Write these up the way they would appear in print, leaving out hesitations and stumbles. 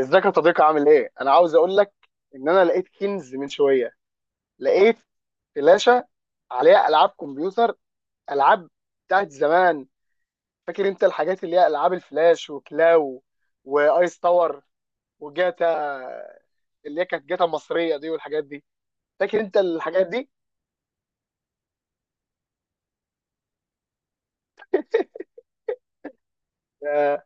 ازيك يا صديقي، عامل ايه؟ انا عاوز اقول لك ان انا لقيت كنز من شويه، لقيت فلاشه عليها العاب كمبيوتر، العاب بتاعت زمان، فاكر انت الحاجات اللي هي العاب الفلاش وكلاو وايس تاور وجاتا اللي هي كانت جاتا مصريه دي والحاجات دي، فاكر انت الحاجات دي؟ اه.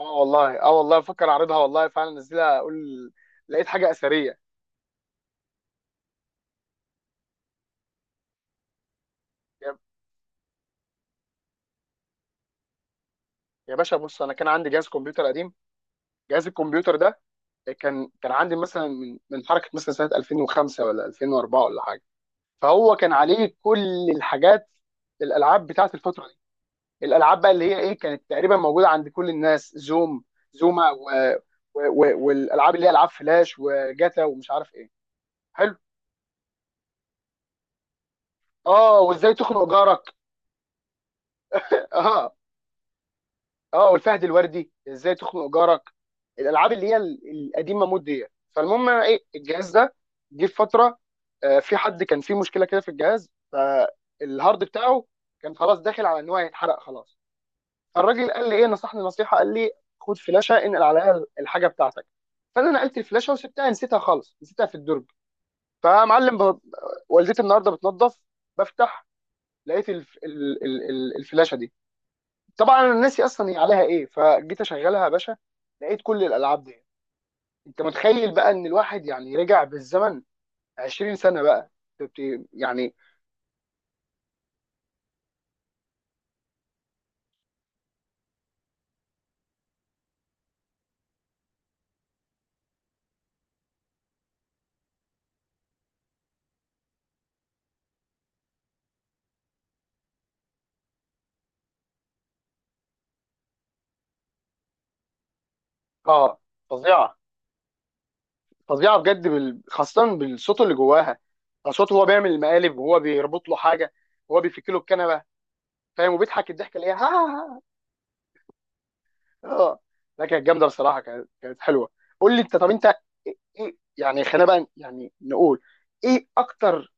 آه والله، اه والله بفكر اعرضها، والله فعلا انزلها اقول لقيت حاجه اثريه. يا يا باشا، بص انا كان عندي جهاز كمبيوتر قديم، جهاز الكمبيوتر ده كان عندي مثلا من حركه، مثلا سنه 2005 ولا 2004 ولا حاجه. فهو كان عليه كل الحاجات، الالعاب بتاعت الفتره دي، الالعاب بقى اللي هي ايه كانت تقريبا موجوده عند كل الناس، زوما والالعاب اللي هي العاب فلاش وجاتا ومش عارف ايه. حلو. اه، وازاي تخنق جارك. اه، اه، والفهد الوردي، ازاي تخنق جارك. الالعاب اللي هي القديمه مود دي. فالمهم أنا ايه، الجهاز ده جه في فتره، في حد كان فيه مشكله كده في الجهاز، فالهارد بتاعه كان خلاص داخل على ان هو هيتحرق خلاص. فالراجل قال لي ايه، نصحني نصيحه، قال لي: خد فلاشه انقل عليها الحاجه بتاعتك. فانا نقلت الفلاشه وسبتها، نسيتها خالص، نسيتها في الدرج. فمعلم والدتي النهارده بتنظف، بفتح، لقيت الفلاشه دي. طبعا انا ناسي اصلا هي عليها ايه، فجيت اشغلها يا باشا، لقيت كل الالعاب دي. انت متخيل بقى ان الواحد يعني رجع بالزمن 20 سنه بقى، يعني. اه، فظيعه فظيعه بجد، خاصه بالصوت اللي جواها، صوته هو بيعمل المقالب وهو بيربط له حاجه، وهو بيفك له الكنبه، فاهم، وبيضحك الضحكه اللي هي ها ها ها. اه. لا كانت جامده بصراحه، كانت حلوه. قول لي انت، طب انت، ايه يعني، خلينا بقى يعني نقول ايه اكتر؟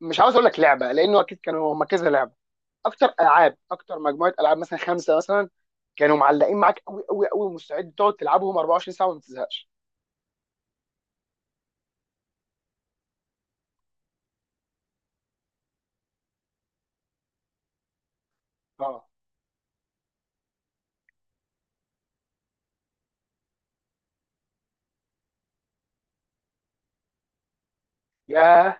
مش عاوز اقول لك لعبه لانه اكيد كانوا هم كذا لعبه. اكتر العاب، اكتر مجموعه العاب مثلا خمسه مثلا كانوا معلقين معاك قوي قوي قوي، ومستعد تقعد تلعبهم 24 ساعه وما تزهقش. اه. يا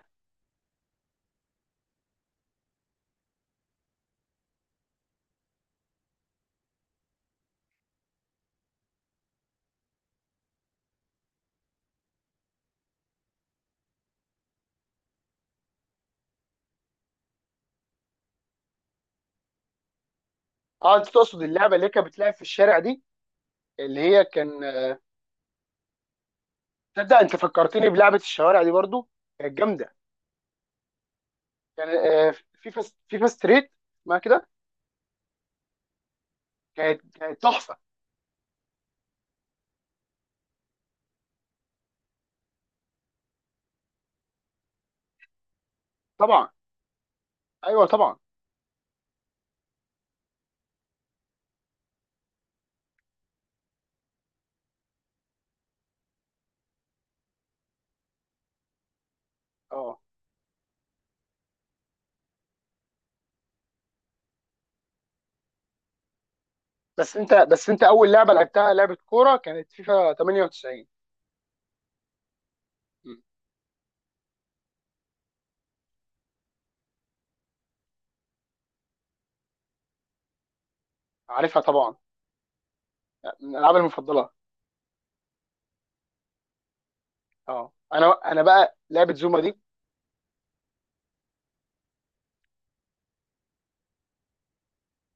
اه، انت تقصد اللعبه اللي هي كانت بتلعب في الشارع دي، اللي هي كان تصدق؟ انت فكرتني بلعبه الشوارع دي برضو، كانت جامده. كان فيفا فيفا ستريت، ما كده. كانت تحفه. طبعا، ايوه طبعا. اه. بس انت اول لعبه لعبتها لعبه كوره كانت فيفا 98. م. عارفها طبعا، من الالعاب المفضله. اه، انا بقى لعبه زوما دي.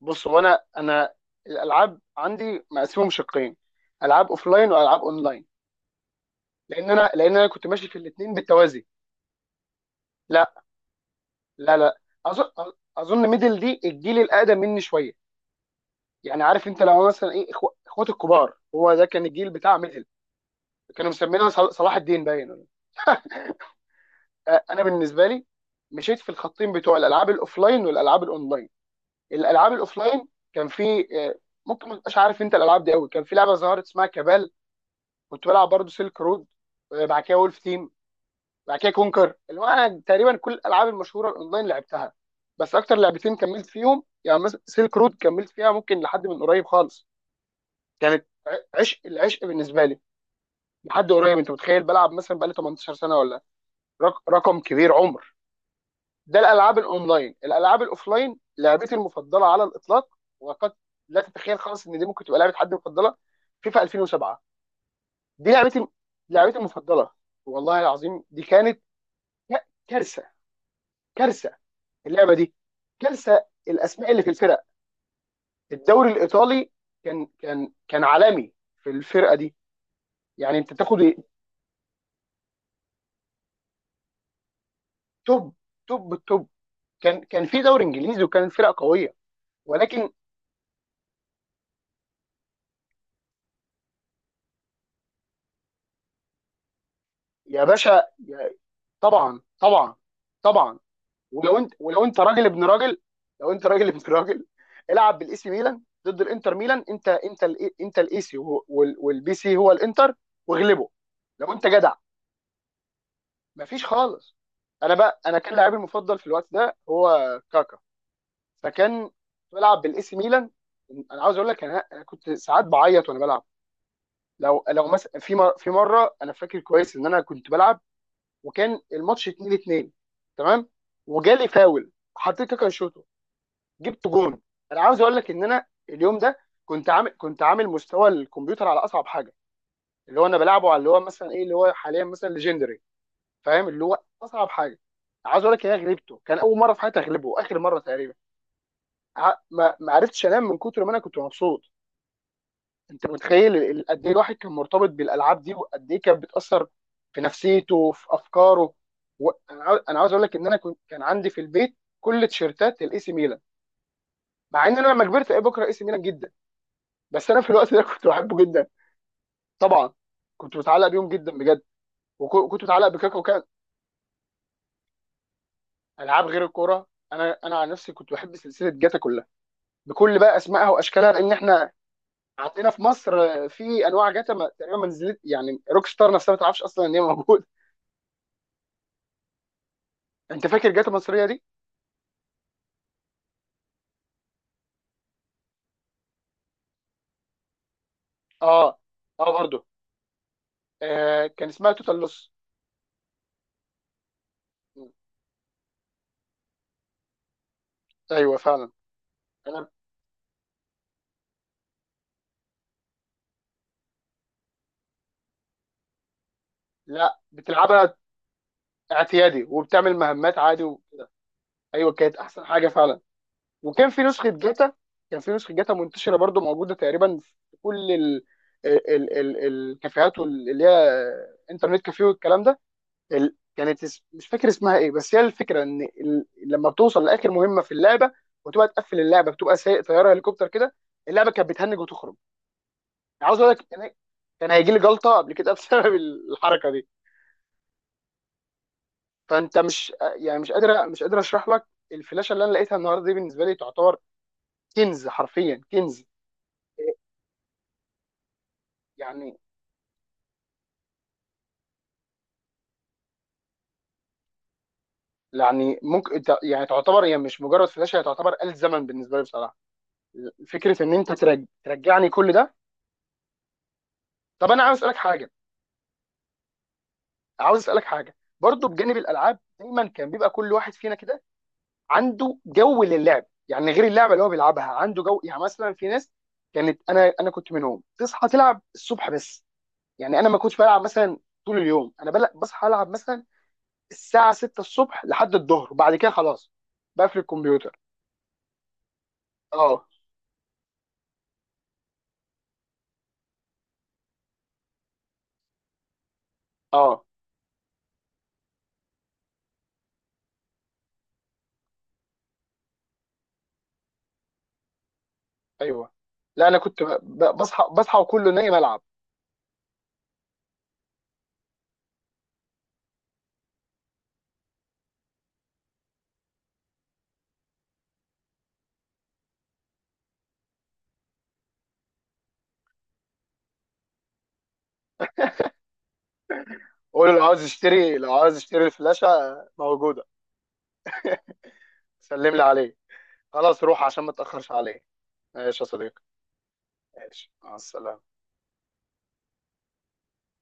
بص، هو انا الالعاب عندي مقسمهم شقين: العاب اوفلاين والعاب اونلاين. لان انا كنت ماشي في الاثنين بالتوازي. لا، لا، لا. اظن اظن ميدل دي الجيل الاقدم مني شويه، يعني عارف انت لو مثلا ايه، اخوات الكبار، هو ده كان الجيل بتاع ميدل. كانوا مسمينها صلاح الدين باين انا بالنسبه لي مشيت في الخطين بتوع الالعاب الاوفلاين والالعاب الاونلاين. الالعاب الاوفلاين كان في آه، ممكن ما تبقاش عارف انت الالعاب دي قوي، كان في لعبه ظهرت اسمها كابال، كنت بلعب برضو سيلك رود، بعد كده وولف تيم، بعد كده كونكر. اللي هو انا تقريبا كل الالعاب المشهوره الاونلاين لعبتها، بس اكتر لعبتين كملت فيهم يعني مثلا سيلك رود كملت فيها ممكن لحد من قريب خالص، كانت عشق العشق بالنسبه لي لحد قريب. انت متخيل بلعب مثلا بقالي 18 سنه ولا؟ رقم كبير، عمر. ده الالعاب الاونلاين. الالعاب الاوفلاين لعبتي المفضله على الاطلاق، وقد لا تتخيل خالص ان دي ممكن تبقى لعبه حد مفضله. فيفا 2007، دي لعبتي المفضله، والله العظيم دي كانت كارثه. كارثه اللعبه دي، كارثه الاسماء اللي في الفرق. الدوري الايطالي كان عالمي، في الفرقه دي يعني انت تاخد. توب، توب توب. كان في دوري انجليزي وكانت فرق قويه، ولكن. يا باشا طبعا، طبعا، طبعا. ولو انت راجل ابن راجل، لو انت راجل ابن راجل، العب بالاي سي ميلان ضد الانتر ميلان. انت الاي سي والبي سي هو الانتر، واغلبه لو انت جدع. مفيش خالص. انا كان لاعبي المفضل في الوقت ده هو كاكا، فكان بلعب بالاي سي ميلان. انا عاوز اقول لك، انا كنت ساعات بعيط وانا بلعب. لو مثلا في مره، انا فاكر كويس ان انا كنت بلعب وكان الماتش 2-2 تمام، وجالي فاول، حطيت كاكا يشوطه، جبت جون. انا عاوز اقول لك ان انا اليوم ده كنت عامل مستوى الكمبيوتر على اصعب حاجه، اللي هو انا بلعبه على اللي هو مثلا ايه، اللي هو حاليا مثلا ليجندري، فاهم، اللي هو اصعب حاجه. عاوز اقول لك ان انا غلبته، كان اول مره في حياتي اغلبه، اخر مره تقريبا. ما عرفتش انام من كتر ما انا كنت مبسوط. انت متخيل قد ايه الواحد كان مرتبط بالالعاب دي، وقد ايه كانت بتاثر في نفسيته وفي افكاره. أنا عاوز اقول لك ان انا كان عندي في البيت كل تيشيرتات الاي سي ميلان، مع ان انا لما كبرت ايه بكره اي سي ميلان جدا، بس انا في الوقت ده كنت بحبه جدا. طبعا. كنت متعلق بيهم جدا بجد، وكنت متعلق بكاكا وكان. العاب غير الكوره؟ انا عن نفسي كنت بحب سلسله جاتا كلها، بكل بقى اسمائها واشكالها، لان احنا عندنا في مصر في انواع جاتا ما تقريبا ما نزلت، يعني روك ستار نفسها ما تعرفش اصلا ان هي موجوده. انت فاكر جاتا مصريه دي؟ اه، اه برضه. كان اسمها توتال لوس. ايوه فعلا. انا لا، بتلعبها اعتيادي وبتعمل مهمات عادي ايوه كانت احسن حاجه فعلا. وكان في نسخه جاتا كان في نسخه جاتا منتشره برضو، موجوده تقريبا في كل الكافيهات اللي هي انترنت كافيه والكلام ده. كانت مش فاكر اسمها ايه، بس هي الفكره ان لما بتوصل لاخر مهمه في اللعبه وتبقى تقفل اللعبه، بتبقى سايق طياره هليكوبتر كده، اللعبه كانت بتهنج وتخرج. يعني عاوز اقول لك كان هيجي لي جلطه قبل كده بسبب الحركه دي. فانت مش، يعني مش قادر اشرح لك. الفلاشه اللي انا لقيتها النهارده دي بالنسبه لي تعتبر كنز، حرفيا كنز. يعني يعني ممكن يعني تعتبر هي مش مجرد فلاشه، هي تعتبر آلة زمن بالنسبه لي بصراحه. فكره ان انت ترجعني كل ده. طب انا عاوز اسالك حاجه برضو، بجانب الالعاب دايما كان بيبقى كل واحد فينا كده عنده جو للعب، يعني غير اللعبه اللي هو بيلعبها عنده جو، يعني مثلا في ناس كانت، انا كنت منهم، تصحى تلعب الصبح بس. يعني انا ما كنتش بلعب مثلا طول اليوم، انا بصحى العب مثلا الساعه 6 الصبح لحد الظهر، وبعد كده خلاص بقفل الكمبيوتر. اه، اه. ايوه، لا انا كنت بصحى وكله نايم العب. اقول له لو عاوز يشتري الفلاشه موجوده. سلم لي عليه، خلاص روح عشان ما تاخرش عليه. ماشي يا صديقي، ماشي، مع السلامه.